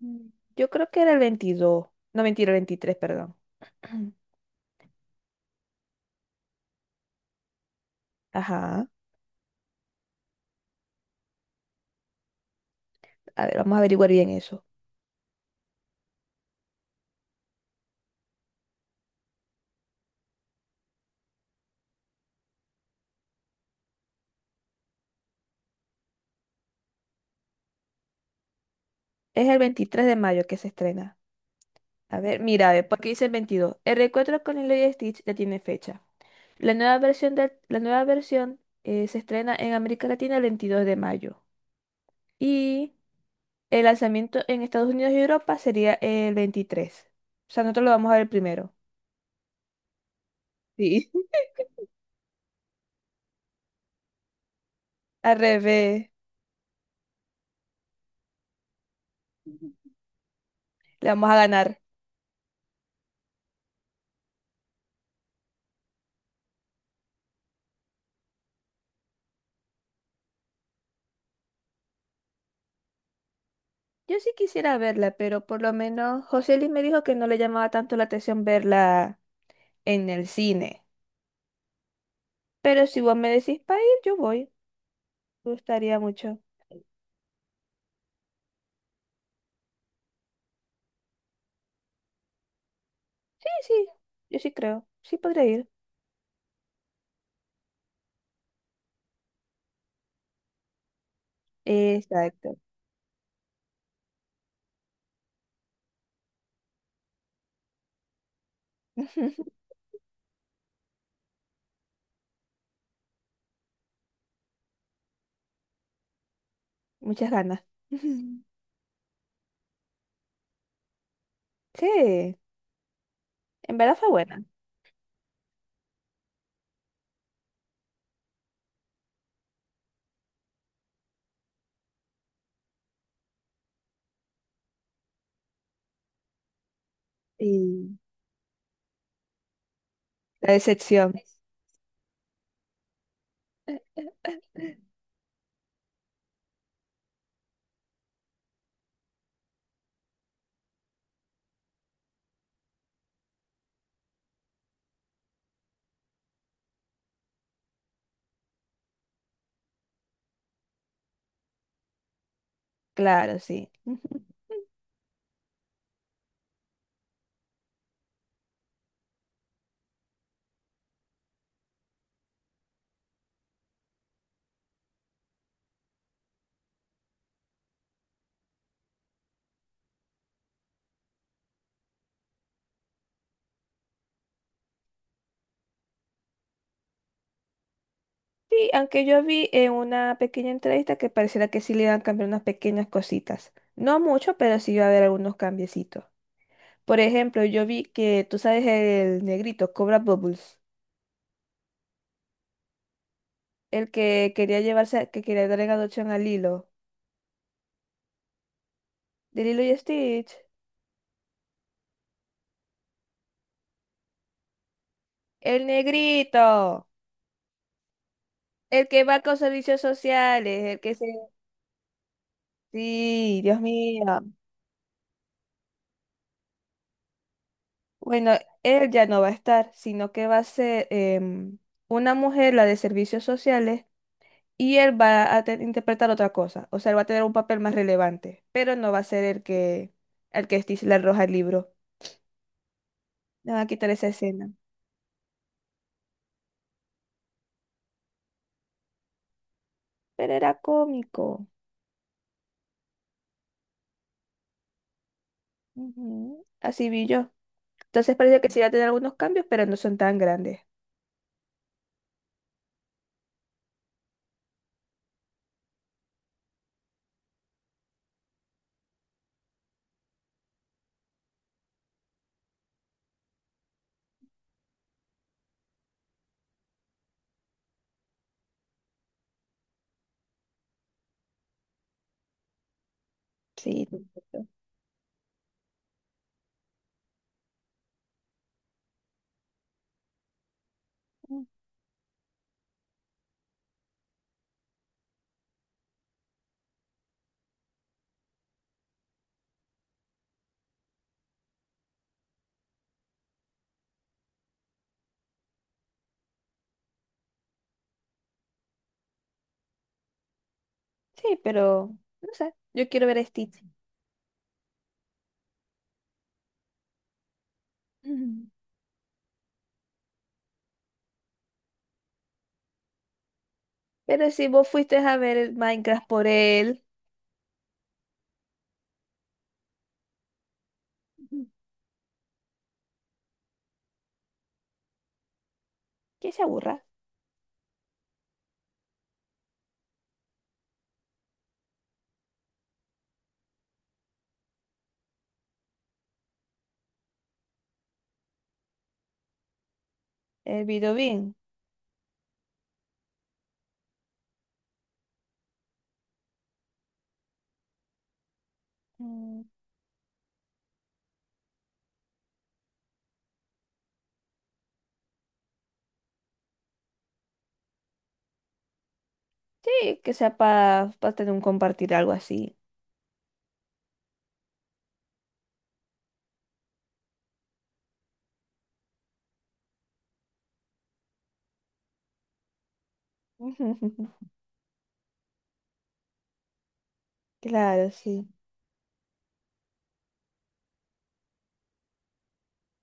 Mm, yo creo que era el 22. No, mentira, el 23, perdón. Ajá. A ver, vamos a averiguar bien eso. Es el 23 de mayo que se estrena. A ver, mira, a ver, ¿por qué dice el 22? El reencuentro con Lilo y Stitch ya tiene fecha. La nueva versión, la nueva versión se estrena en América Latina el 22 de mayo. Y el lanzamiento en Estados Unidos y Europa sería el 23. O sea, nosotros lo vamos a ver primero. Sí. Al revés, le vamos a ganar. Yo sí quisiera verla, pero por lo menos José Luis me dijo que no le llamaba tanto la atención verla en el cine. Pero si vos me decís para ir, yo voy. Me gustaría mucho. Sí, sí, yo sí creo. Sí podría ir. Exacto. Muchas ganas. Sí, en verdad fue buena. Sí, la decepción. Claro, sí. Sí, aunque yo vi en una pequeña entrevista que pareciera que sí le iban a cambiar unas pequeñas cositas. No mucho, pero sí iba a haber algunos cambiecitos. Por ejemplo, yo vi que, tú sabes, el negrito, Cobra Bubbles, el que quería llevarse, que quería dar en adopción a Lilo, de Lilo y Stitch. El negrito, el que va con servicios sociales, el que se... Sí, Dios mío. Bueno, él ya no va a estar, sino que va a ser una mujer, la de servicios sociales, y él va a interpretar otra cosa, o sea, él va a tener un papel más relevante, pero no va a ser el que Stitch le arroja el libro. Le van a quitar esa escena. Pero era cómico. Ujú. Así vi yo. Entonces parece que sí va a tener algunos cambios, pero no son tan grandes. Sí, perfecto. Mm, sí, pero no sé, yo quiero ver a Stitch. Ujú. Pero si vos fuiste a ver el Minecraft por él. Ujú, que se aburra. El video bien. Mm, sí, que sea para tener un compartir algo así. Claro, sí.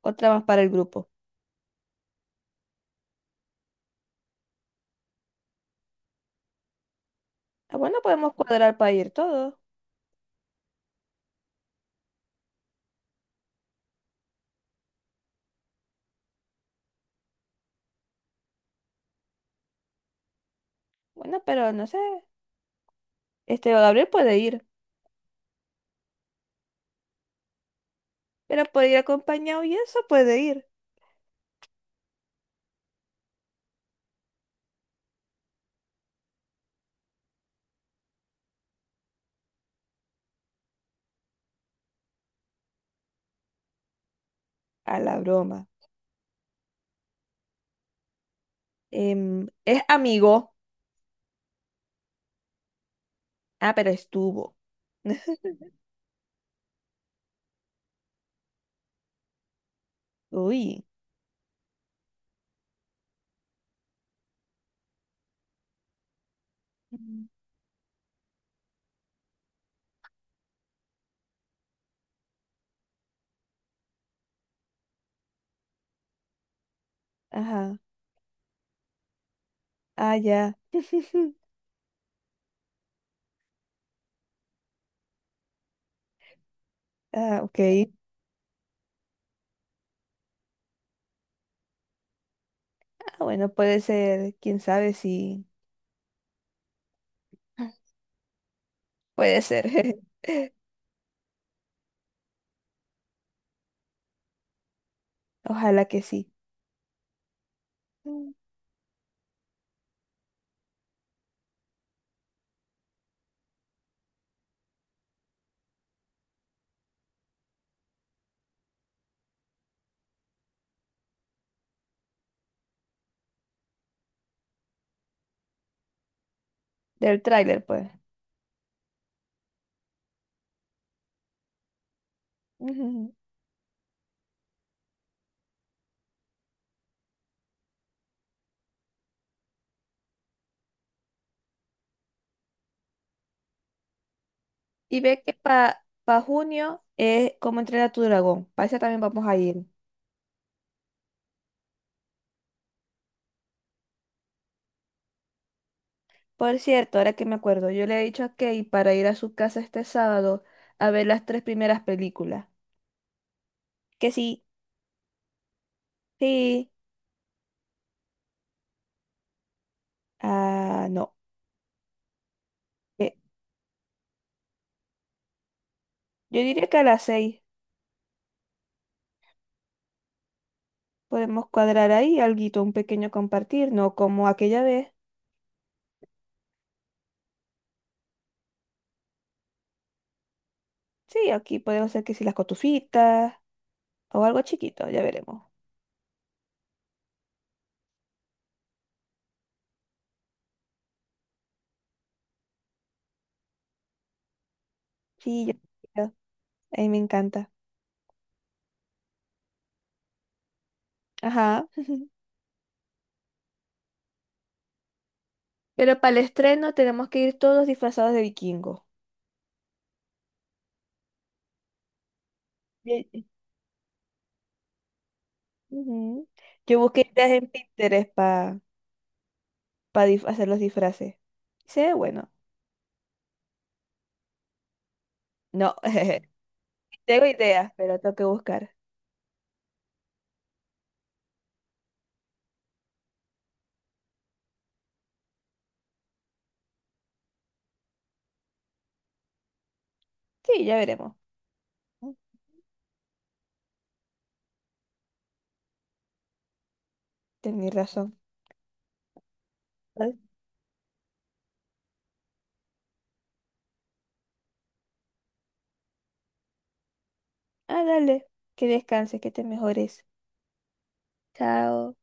Otra más para el grupo. Ah, bueno, podemos cuadrar para ir todos. Bueno, pero no sé. Este Gabriel puede ir, pero puede ir acompañado y eso puede ir. A la broma. Em, es amigo. Ah, pero estuvo. Uy. Mm. Ajá. Ah, ya. Ah, ok. Ah, bueno, puede ser. Quién sabe si. Puede ser. Ojalá que sí. Mm. Del tráiler, pues. Y ve que para junio es como entrenar a tu dragón. Para esa también vamos a ir. Por cierto, ahora que me acuerdo, yo le he dicho a Kay para ir a su casa este sábado a ver las tres primeras películas. Que sí, sí, ah, no. Eh, yo diría que a las 6 podemos cuadrar ahí alguito, un pequeño compartir, no como aquella vez. Sí, aquí podemos hacer que si las cotufitas o algo chiquito, ya veremos. Sí, yo. A mí me encanta. Ajá. Pero para el estreno tenemos que ir todos disfrazados de vikingo. Ye- ujú. Yo busqué ideas en Pinterest para hacer los disfraces. Se ve bueno. No, tengo ideas, pero tengo que buscar. Sí, ya veremos. Tenés razón. Ah, dale. Que descanses, que te mejores. Chao.